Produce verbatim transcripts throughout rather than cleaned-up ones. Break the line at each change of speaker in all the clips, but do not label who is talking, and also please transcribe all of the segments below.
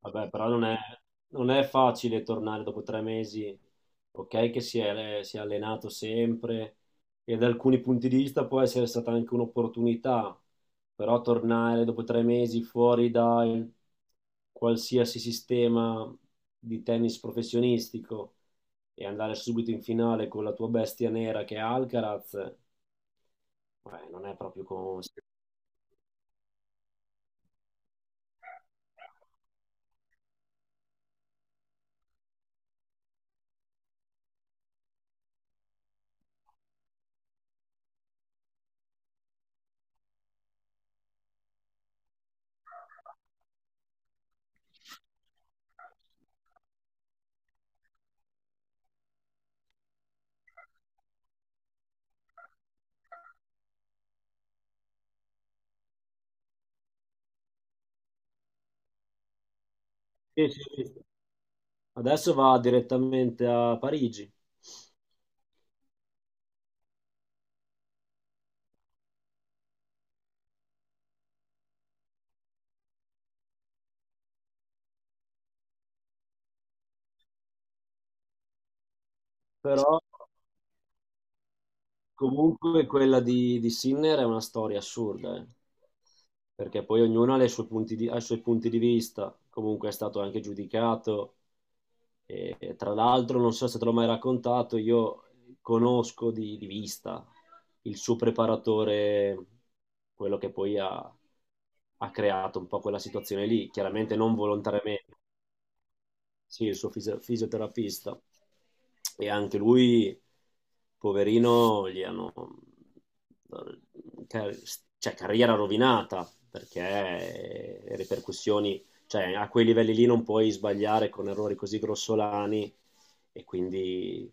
Vabbè, però non è, non è facile tornare dopo tre mesi, ok, che si è, si è allenato sempre e da alcuni punti di vista può essere stata anche un'opportunità, però tornare dopo tre mesi fuori da qualsiasi sistema di tennis professionistico e andare subito in finale con la tua bestia nera che è Alcaraz, beh, non è proprio con... Sì, sì, sì. Adesso va direttamente a Parigi, però... Comunque quella di, di Sinner è una storia assurda, eh, perché poi ognuno ha, le sue punti di- ha i suoi punti di vista, comunque è stato anche giudicato. E, e tra l'altro, non so se te l'ho mai raccontato, io conosco di, di vista il suo preparatore, quello che poi ha, ha creato un po' quella situazione lì, chiaramente non volontariamente. Sì, il suo fisi- fisioterapista. E anche lui, poverino, gli hanno... car- cioè, carriera rovinata, perché le ripercussioni... Cioè, a quei livelli lì non puoi sbagliare con errori così grossolani e quindi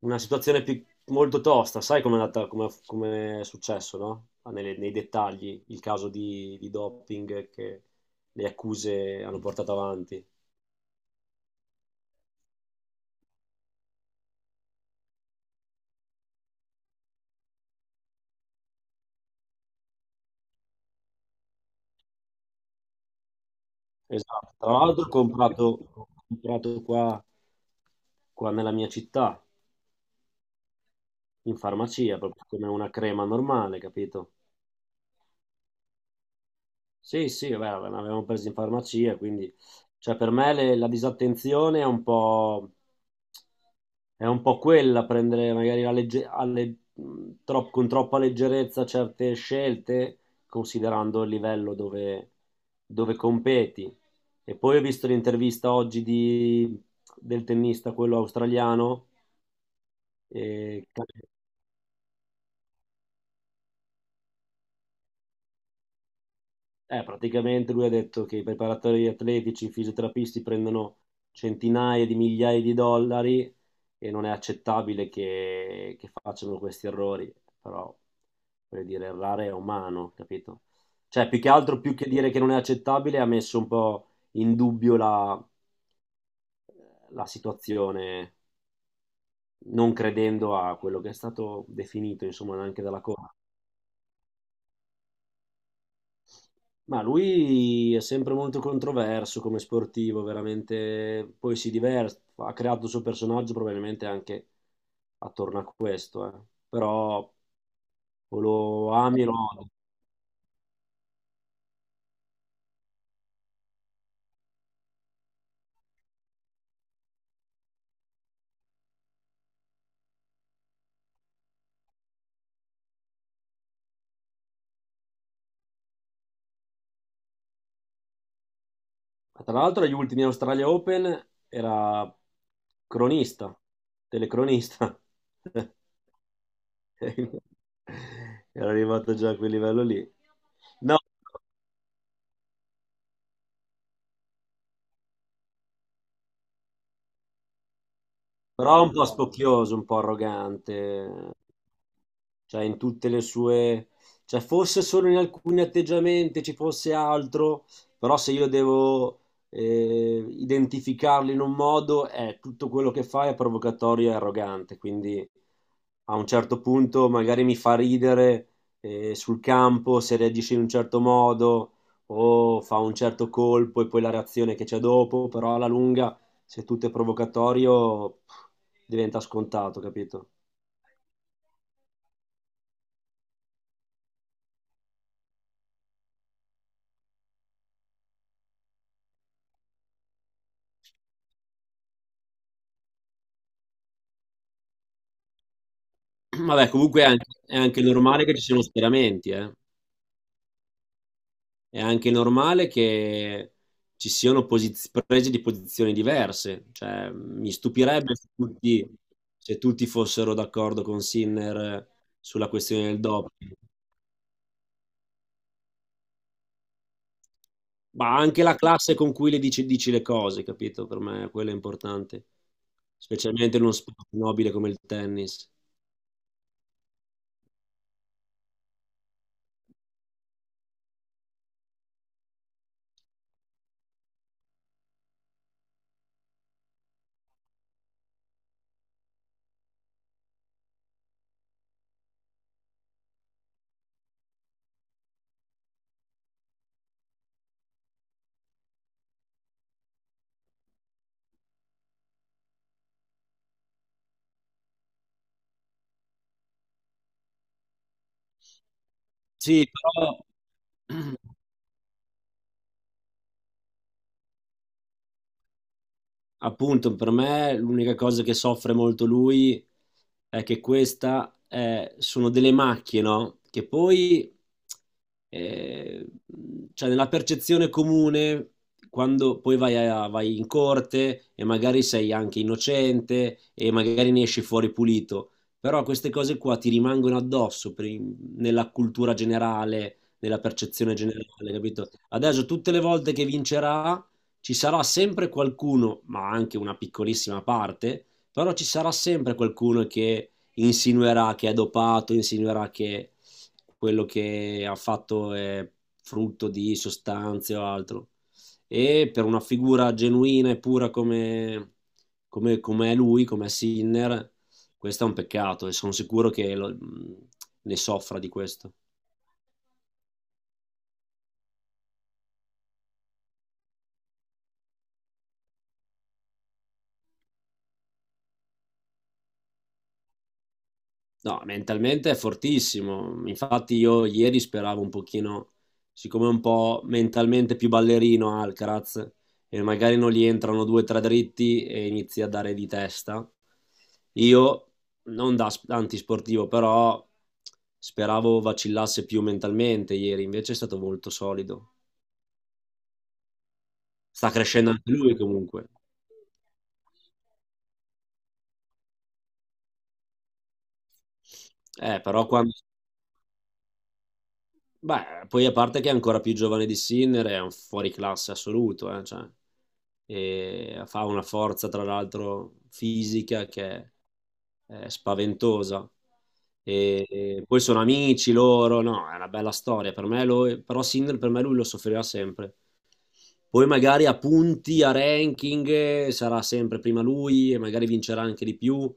una situazione più- molto tosta. Sai com'è andata, com'è, com'è successo, no? Ah, Nelle- nei dettagli, il caso di, di doping che le accuse hanno portato avanti. Esatto, tra l'altro ho comprato, ho comprato qua, qua nella mia città, in farmacia, proprio come una crema normale, capito? Sì, sì, vabbè, vabbè, ne avevamo presi in farmacia, quindi cioè, per me le- la disattenzione è un po', è un po' quella, prendere magari la legge- alle- mh, tro- con troppa leggerezza certe scelte, considerando il livello dove, dove competi. E poi ho visto l'intervista oggi di- del tennista, quello australiano. E Eh, praticamente lui ha detto che i preparatori atletici, i fisioterapisti prendono centinaia di migliaia di dollari e non è accettabile che, che facciano questi errori, però voglio dire, errare è umano, capito? Cioè, più che altro, più che dire che non è accettabile, ha messo un po' in dubbio la, la situazione, non credendo a quello che è stato definito, insomma, anche dalla Corte. Ma lui è sempre molto controverso come sportivo, veramente. Poi si diverte, ha creato il suo personaggio probabilmente anche attorno a questo, eh. Però o lo ami o lo odi. Tra l'altro agli ultimi Australia Open era cronista, telecronista. Era arrivato già a quel livello lì. No, però un po' spocchioso, un po' arrogante. Cioè in tutte le sue, cioè forse solo in alcuni atteggiamenti ci fosse altro, però se io devo eh, identificarli in un modo, è tutto quello che fa è provocatorio e arrogante, quindi a un certo punto magari mi fa ridere, eh, sul campo se reagisce in un certo modo o fa un certo colpo e poi la reazione che c'è dopo, però alla lunga se tutto è provocatorio pff, diventa scontato, capito? Vabbè, comunque è anche, è anche normale che ci siano schieramenti, eh. È anche normale che ci siano posiz- prese di posizioni diverse. Cioè, mi stupirebbe se tutti, se tutti fossero d'accordo con Sinner sulla questione del doping. Ma anche la classe con cui le dici, dici le cose, capito? Per me quello è importante. Specialmente in uno sport nobile come il tennis. Sì, però... Appunto, per me l'unica cosa che soffre molto lui è che questa è- sono delle macchie, no? Che poi, eh, cioè nella percezione comune, quando poi vai, a- vai in corte e magari sei anche innocente e magari ne esci fuori pulito, però queste cose qua ti rimangono addosso per- nella cultura generale, nella percezione generale, capito? Adesso tutte le volte che vincerà ci sarà sempre qualcuno, ma anche una piccolissima parte, però ci sarà sempre qualcuno che insinuerà che è dopato, insinuerà che quello che ha fatto è frutto di sostanze o altro. E per una figura genuina e pura come, come, come è lui, come è Sinner, questo è un peccato e sono sicuro che lo- ne soffra di questo. No, mentalmente è fortissimo. Infatti io ieri speravo un pochino, siccome è un po' mentalmente più ballerino Alcaraz, e magari non gli entrano due o tre dritti e inizia a dare di testa. Io, non da sp- antisportivo, però speravo vacillasse più mentalmente ieri, invece è stato molto solido. Sta crescendo anche lui comunque. Eh, però quando... Beh, poi a parte che è ancora più giovane di Sinner, è un fuoriclasse assoluto, eh, cioè, e fa una forza, tra l'altro, fisica che è, è spaventosa. E, e poi sono amici loro, no, è una bella storia. Per me lui- però Sinner per me lui lo soffrirà sempre. Poi magari a punti, a ranking, eh, sarà sempre prima lui e magari vincerà anche di più,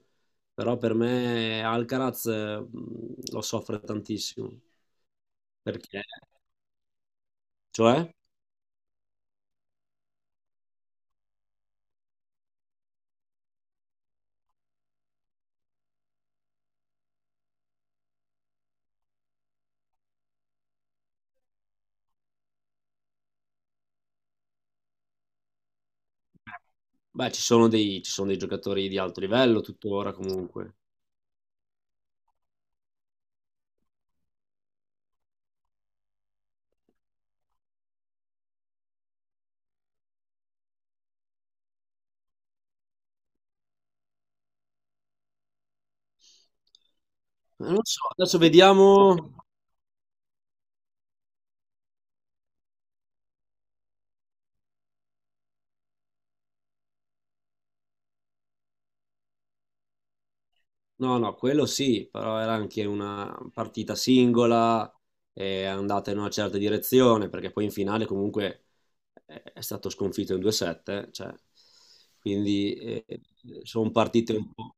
però per me Alcaraz, eh, lo soffre tantissimo. Perché? Cioè? Beh, ci sono dei ci sono dei giocatori di alto livello tuttora comunque. Eh, Non lo so, adesso vediamo. No, no, quello sì, però era anche una partita singola, è andata in una certa direzione, perché poi in finale comunque è è stato sconfitto in due sette, cioè quindi, ehm, son partite un po'